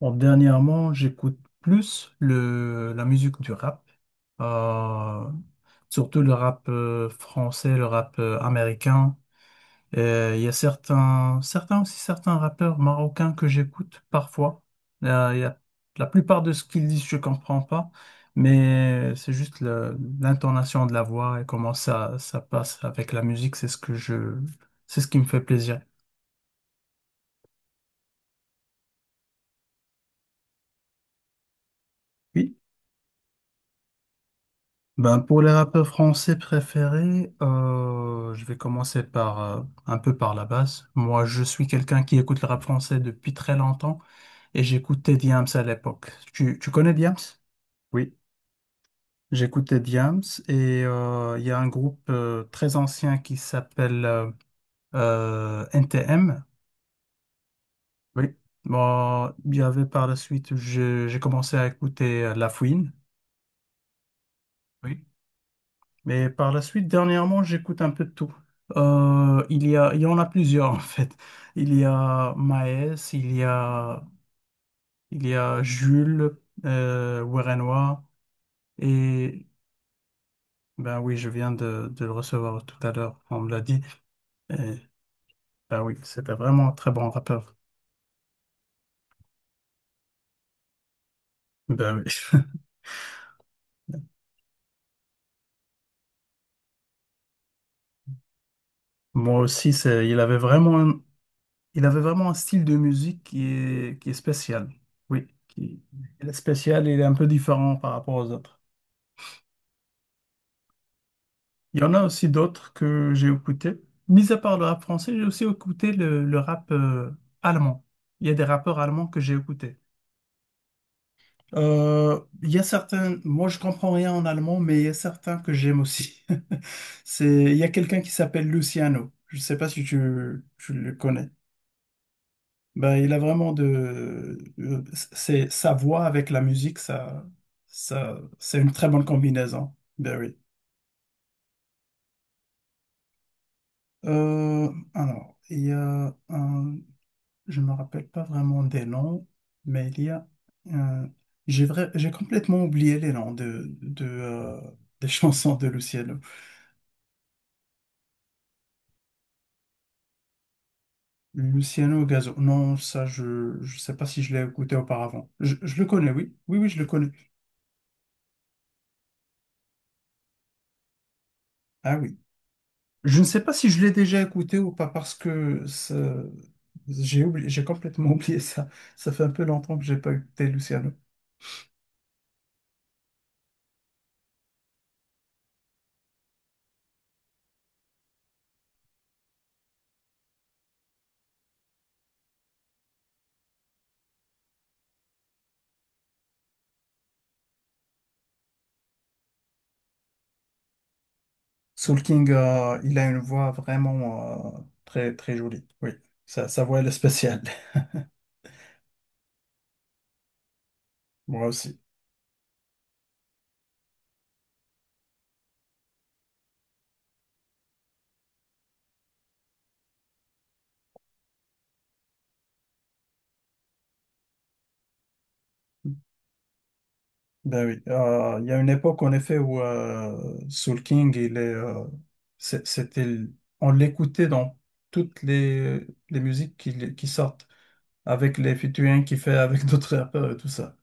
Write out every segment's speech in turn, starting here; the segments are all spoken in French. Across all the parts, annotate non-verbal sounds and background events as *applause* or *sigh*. Bon, dernièrement, j'écoute plus la musique du rap, euh, surtout le rap français, le rap américain. Et il y a certains aussi certains rappeurs marocains que j'écoute parfois. Euh, il y a- la plupart de ce qu'ils disent, je comprends pas, mais c'est juste l'intonation de la voix et comment ça, ça passe avec la musique, c'est ce qui me fait plaisir. Oui. Ben, pour les rappeurs français préférés, je vais commencer par un peu par la base. Moi, je suis quelqu'un qui écoute le rap français depuis très longtemps et j'écoutais Diams à l'époque. Tu connais Diams? Oui. J'écoutais Diams et il y a un groupe très ancien qui s'appelle NTM. Oui. Bon, il y avait par la suite, j'ai commencé à écouter La Fouine. Oui. Mais par la suite, dernièrement, j'écoute un peu de tout. Il y en a plusieurs, *laughs* en fait. Il y a Maes, il y a Jules Werenois, et ben oui, je viens de le recevoir tout à l'heure, on me l'a dit. Et, ben oui, c'était vraiment un très bon rappeur. Ben oui. Moi aussi, il avait vraiment, il avait vraiment un style de musique qui est spécial. Oui, il est spécial, il est un peu différent par rapport aux autres. Il y en a aussi d'autres que j'ai écoutés. Mis à part le rap français, j'ai aussi écouté le rap allemand. Il y a des rappeurs allemands que j'ai écoutés. Il y a certains, moi je comprends rien en allemand, mais il y a certains que j'aime aussi. *laughs* Il y a quelqu'un qui s'appelle Luciano. Je ne sais pas si tu le connais. Ben, il a vraiment c'est sa voix avec la musique, c'est une très bonne combinaison. Ben oui. Alors, il y a un. Je ne me rappelle pas vraiment des noms, mais euh, j'ai complètement oublié les noms des *laughs* chansons de Luciano. Luciano Gazo. Non, ça, je ne sais pas si je l'ai écouté auparavant. Je le connais, oui. Oui, oui, je le connais. Ah oui. Je ne sais pas si je l'ai déjà écouté ou pas parce que j'ai oublié, j'ai complètement *laughs* oublié ça. Ça fait un peu longtemps que j'ai pas écouté Luciano. Soul King, il a une voix vraiment très, très jolie. Oui, sa voix, elle est spéciale. *laughs* Moi aussi. Ben oui. Il y a une époque, en effet, où Soul King, il est, c'est- c'était, l- on l'écoutait dans toutes les musiques qui sortent, avec les featuring qu'il fait avec *laughs* d'autres rappeurs et tout ça.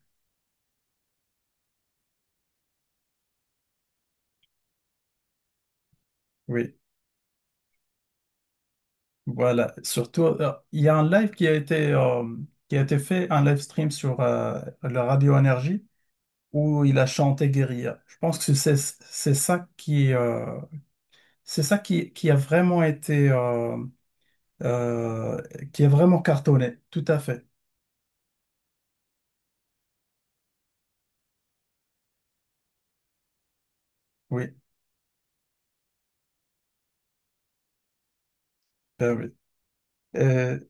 Oui, voilà. Surtout, il y a un live qui a été fait, un live stream sur la radio Énergie, où il a chanté Guérilla. Je pense que c'est ça qui qui a vraiment été euh, qui a vraiment cartonné. Tout à fait. Oui, ben oui. Euh,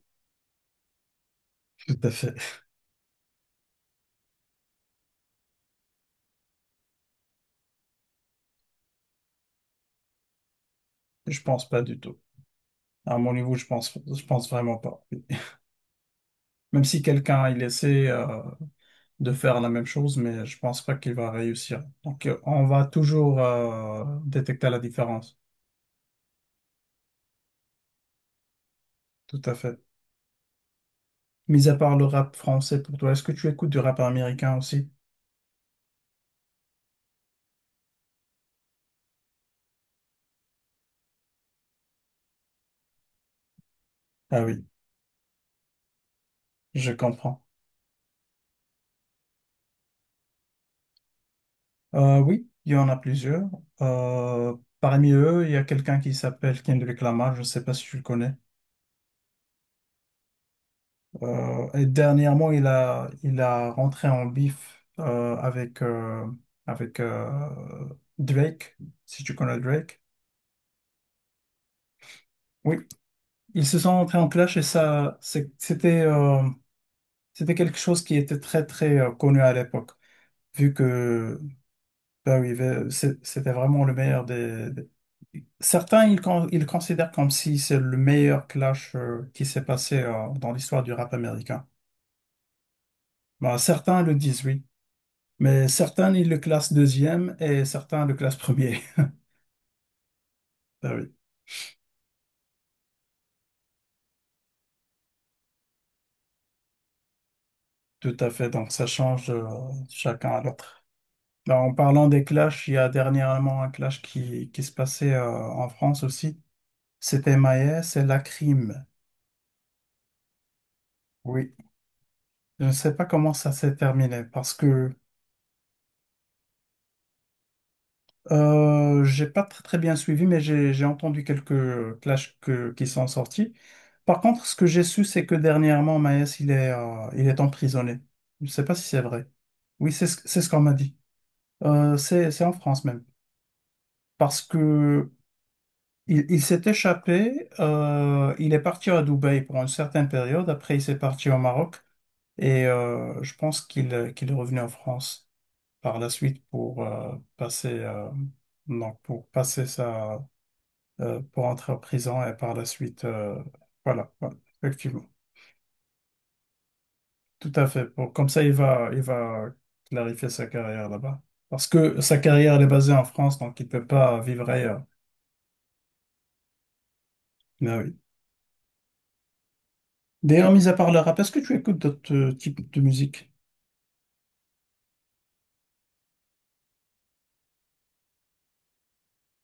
Tout à fait. *laughs* Je pense pas du tout. À mon niveau, je pense vraiment pas. Même si quelqu'un il essaie de faire la même chose, mais je pense pas qu'il va réussir. Donc on va toujours détecter la différence. Tout à fait. Mis à part le rap français pour toi, est-ce que tu écoutes du rap américain aussi? Ah oui. Je comprends. Oui, il y en a plusieurs. Parmi eux, il y a quelqu'un qui s'appelle Kendrick Lamar. Je ne sais pas si tu le connais. Et dernièrement, il a rentré en bif avec, avec Drake, si tu connais Drake. Oui, ils se sont rentrés en clash et ça, c'était quelque chose qui était très, très connu à l'époque, vu que. Ben oui, ben, c'était vraiment le meilleur. Certains, ils considèrent comme si c'est le meilleur clash qui s'est passé dans l'histoire du rap américain. Ben, certains le disent, oui. Mais certains, ils le classent deuxième et certains le classent premier. *laughs* Ben oui, tout à fait. Donc, ça change chacun à l'autre. Ben, en parlant des clashs, il y a dernièrement un clash qui se passait en France aussi. C'était Maes et Lacrim. Oui. Je ne sais pas comment ça s'est terminé parce que j'ai pas très, très bien suivi, mais j'ai entendu quelques clashs qui sont sortis. Par contre, ce que j'ai su, c'est que dernièrement, Maes, il est emprisonné. Je ne sais pas si c'est vrai. Oui, c'est ce qu'on m'a dit. C'est en France même. Parce que il s'est échappé, il est parti à Dubaï pour une certaine période, après il s'est parti au Maroc, et je pense qu'il est revenu en France par la suite pour donc pour passer pour entrer en prison et par la suite, voilà, effectivement, tout à fait. Pour, comme ça, il va clarifier sa carrière là-bas. Parce que sa carrière elle est basée en France, donc il peut pas vivre ailleurs. Mais oui. D'ailleurs, mis à part le rap, est-ce que tu écoutes d'autres types de musique?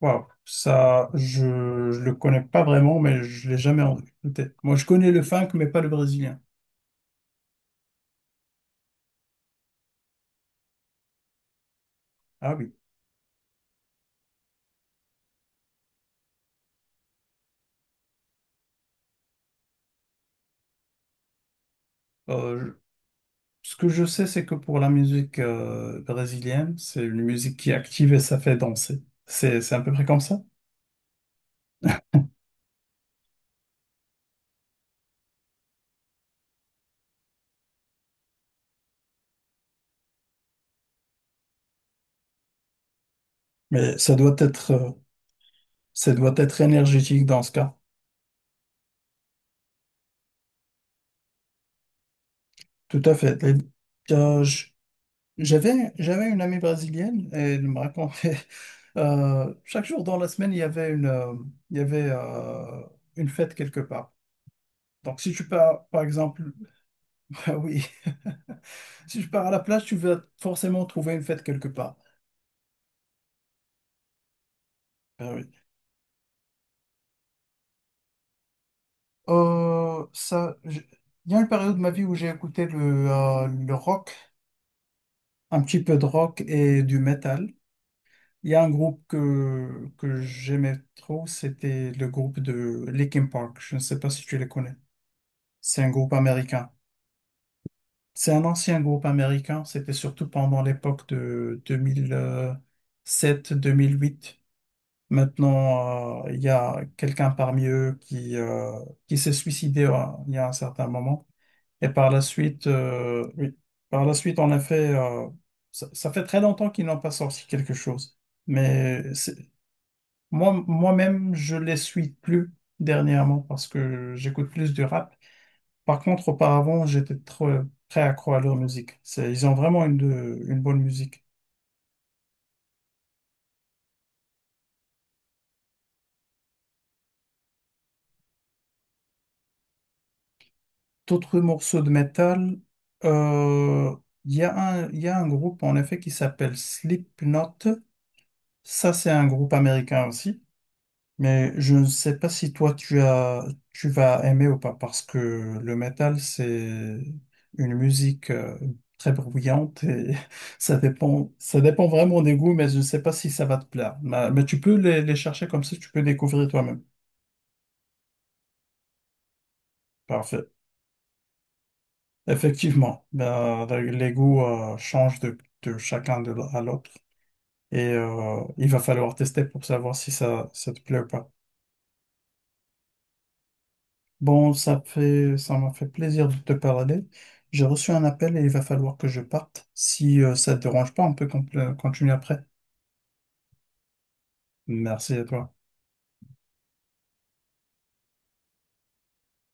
Waouh, ça, je le connais pas vraiment, mais je l'ai jamais écouté. Moi, je connais le funk, mais pas le brésilien. Ah oui. Euh, Ce que je sais, c'est que pour la musique brésilienne, c'est une musique qui est active et ça fait danser. C'est à peu près comme ça? *laughs* Mais ça doit être énergétique dans ce cas. Tout à fait. Euh, j'avais une amie brésilienne et elle me racontait *laughs* chaque jour dans la semaine il y avait il y avait euh, une fête quelque part. Donc si tu pars par exemple, *laughs* ah oui, *laughs* si tu pars à la plage tu vas forcément trouver une fête quelque part. Ah oui. Euh, ça j- il y a une période de ma vie où j'ai écouté le rock, un petit peu de rock et du metal. Il y a un groupe que j'aimais trop, c'était le groupe de Linkin Park. Je ne sais pas si tu les connais. C'est un groupe américain. C'est un ancien groupe américain. C'était surtout pendant l'époque de deux mille sept, 1008. Maintenant, il y a quelqu'un parmi eux qui s'est suicidé il y a un certain moment. Et par la suite, oui, par la suite, en effet, ça fait très longtemps qu'ils n'ont pas sorti quelque chose. Mais moi, moi-même, je les suis plus dernièrement parce que j'écoute plus du rap. Par contre, auparavant, j'étais trop très accro à leur musique. Ils ont vraiment une bonne musique. D'autres morceaux de métal, euh, il y a un groupe en effet qui s'appelle Slipknot. Ça, c'est un groupe américain aussi. Mais je ne sais pas si toi tu vas aimer ou pas parce que le métal c'est une musique très bruyante et *laughs* ça dépend vraiment des goûts mais je ne sais pas si ça va te plaire. Mais tu peux les chercher comme ça tu peux découvrir toi-même. Parfait. Effectivement, ben, les goûts changent de chacun à l'autre et il va falloir tester pour savoir si ça te plaît ou pas. Bon, ça m'a fait plaisir de te parler. J'ai reçu un appel et il va falloir que je parte. Si ça te dérange pas, on peut continuer après. Merci à toi.